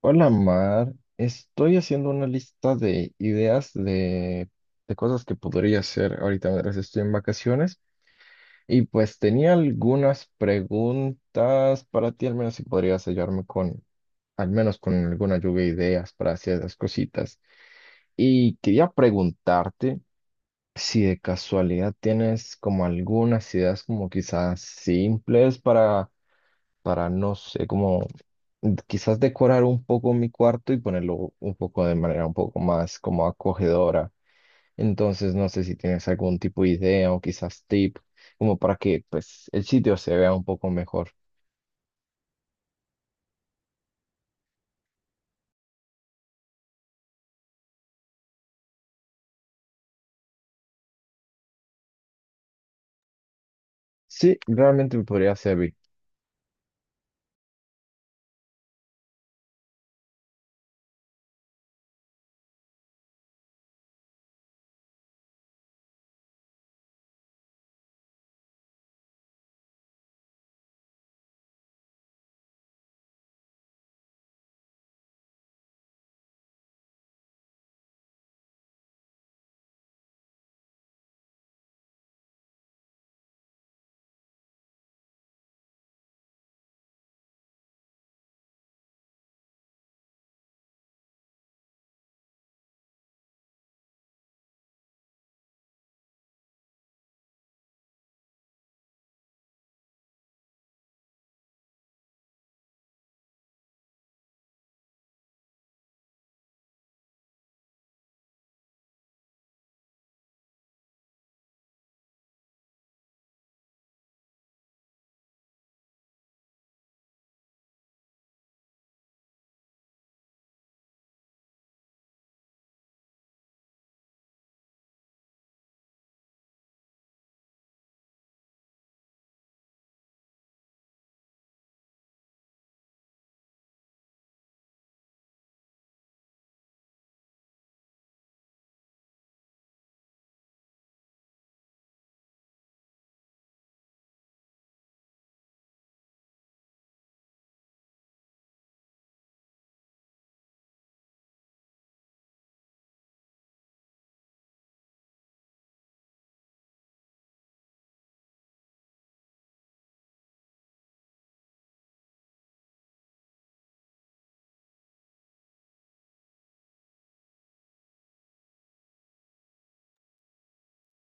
Hola Mar, estoy haciendo una lista de ideas de cosas que podría hacer ahorita mientras estoy en vacaciones y pues tenía algunas preguntas para ti, al menos si podrías al menos con alguna lluvia de ideas para hacer esas cositas. Y quería preguntarte si de casualidad tienes como algunas ideas como quizás simples para, no sé, como quizás decorar un poco mi cuarto y ponerlo un poco de manera un poco más como acogedora. Entonces, no sé si tienes algún tipo de idea o quizás tip, como para que pues el sitio se vea un poco mejor. Sí, realmente me podría servir.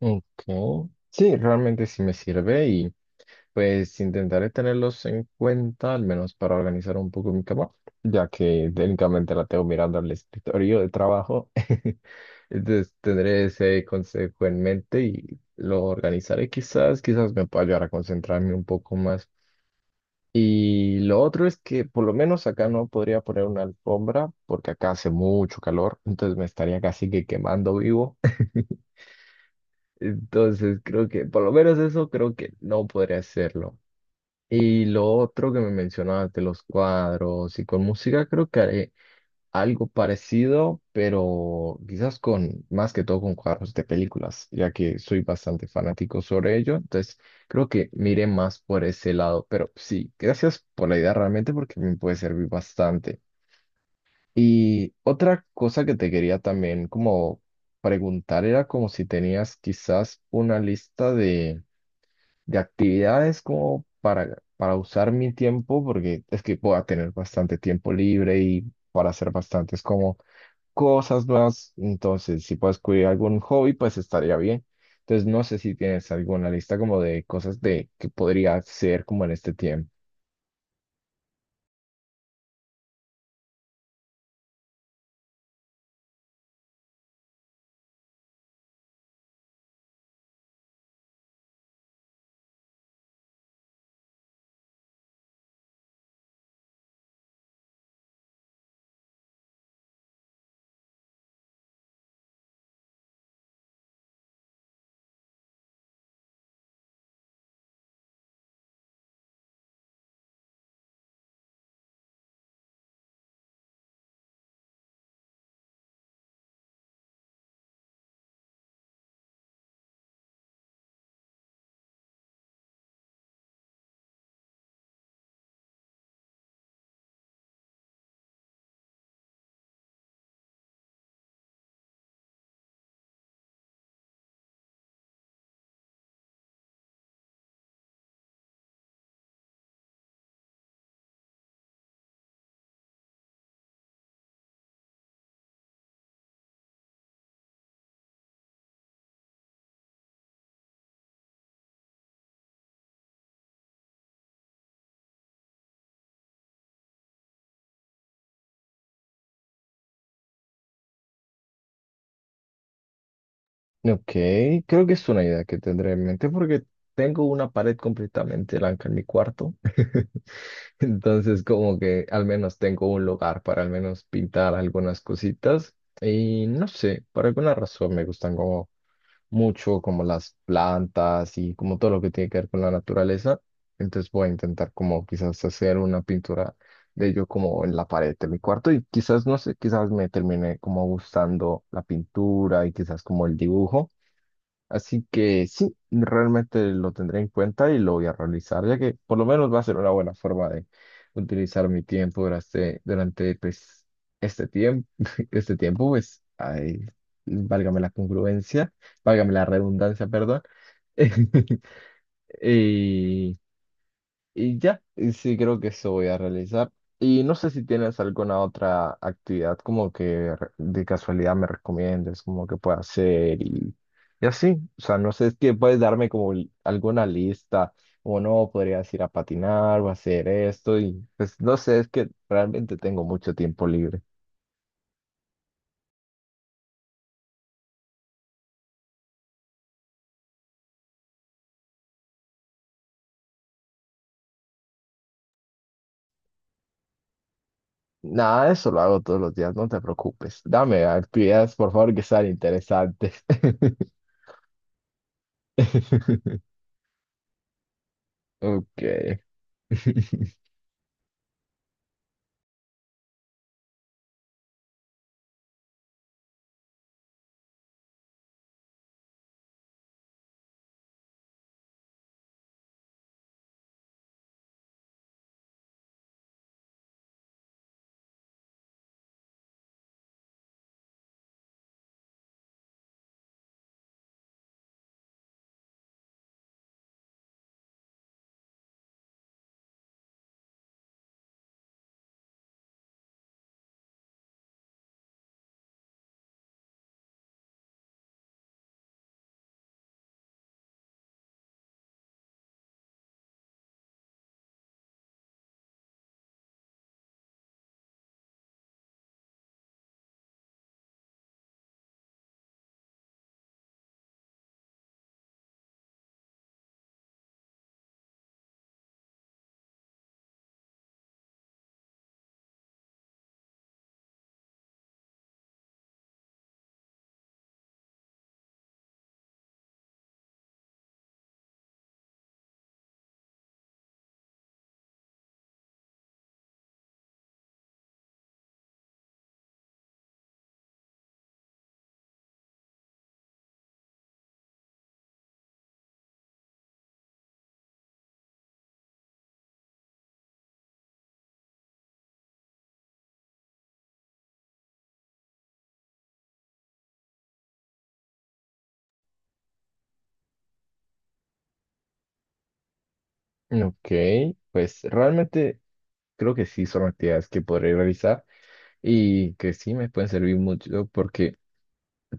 Ok. Sí, realmente sí me sirve y pues intentaré tenerlos en cuenta, al menos para organizar un poco mi cama, ya que técnicamente la tengo mirando al escritorio de trabajo. Entonces tendré ese consejo en mente y lo organizaré quizás, quizás me pueda ayudar a concentrarme un poco más. Y lo otro es que por lo menos acá no podría poner una alfombra porque acá hace mucho calor, entonces me estaría casi que quemando vivo. Entonces creo que por lo menos eso creo que no podría hacerlo. Y lo otro que me mencionaste los cuadros y con música, creo que haré algo parecido, pero quizás con más que todo con cuadros de películas, ya que soy bastante fanático sobre ello. Entonces, creo que miré más por ese lado. Pero sí, gracias por la idea realmente porque me puede servir bastante. Y otra cosa que te quería también como preguntar era como si tenías quizás una lista de actividades como para usar mi tiempo, porque es que voy a tener bastante tiempo libre y para hacer bastantes como cosas nuevas. Entonces, si puedes cubrir algún hobby, pues estaría bien. Entonces, no sé si tienes alguna lista como de cosas de que podría hacer como en este tiempo. Ok, creo que es una idea que tendré en mente porque tengo una pared completamente blanca en mi cuarto. Entonces, como que al menos tengo un lugar para al menos pintar algunas cositas. Y no sé, por alguna razón me gustan como mucho como las plantas y como todo lo que tiene que ver con la naturaleza. Entonces voy a intentar como quizás hacer una pintura de ello como en la pared de mi cuarto y quizás, no sé, quizás me termine como gustando la pintura y quizás como el dibujo. Así que sí, realmente lo tendré en cuenta y lo voy a realizar, ya que por lo menos va a ser una buena forma de utilizar mi tiempo durante pues, este tiempo, este tiempo, pues, ay, válgame la congruencia, válgame la redundancia, perdón. Y, y ya, y sí, creo que eso voy a realizar. Y no sé si tienes alguna otra actividad como que de casualidad me recomiendes, como que pueda hacer y así. O sea, no sé, es que puedes darme como alguna lista, o no, podrías ir a patinar o hacer esto, y pues no sé, es que realmente tengo mucho tiempo libre. Nada, eso lo hago todos los días, no te preocupes. Dame actividades, por favor, que sean interesantes. Ok. Ok, pues realmente creo que sí son actividades que podré realizar y que sí me pueden servir mucho porque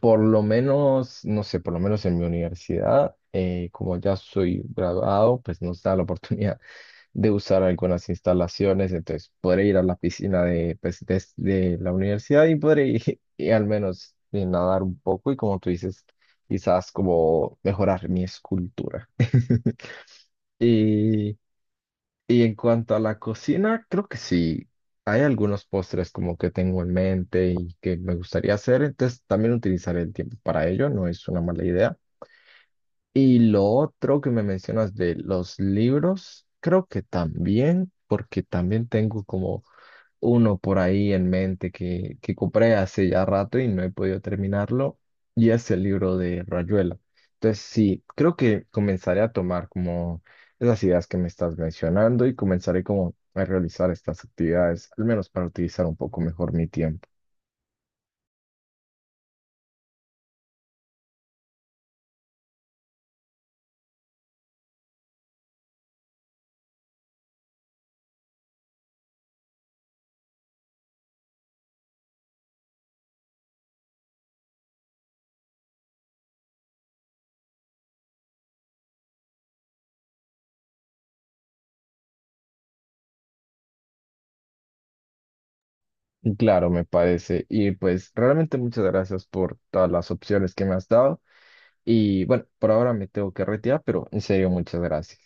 por lo menos, no sé, por lo menos en mi universidad, como ya soy graduado, pues nos da la oportunidad de usar algunas instalaciones, entonces podré ir a la piscina pues, de la universidad y podré ir y al menos nadar un poco y como tú dices, quizás como mejorar mi escultura. Y y en cuanto a la cocina, creo que sí. Hay algunos postres como que tengo en mente y que me gustaría hacer, entonces también utilizaré el tiempo para ello, no es una mala idea. Y lo otro que me mencionas de los libros, creo que también, porque también tengo como uno por ahí en mente que compré hace ya rato y no he podido terminarlo, y es el libro de Rayuela. Entonces, sí, creo que comenzaré a tomar como esas ideas que me estás mencionando y comenzaré como a realizar estas actividades, al menos para utilizar un poco mejor mi tiempo. Y claro, me parece. Y pues realmente muchas gracias por todas las opciones que me has dado. Y bueno, por ahora me tengo que retirar, pero en serio, muchas gracias.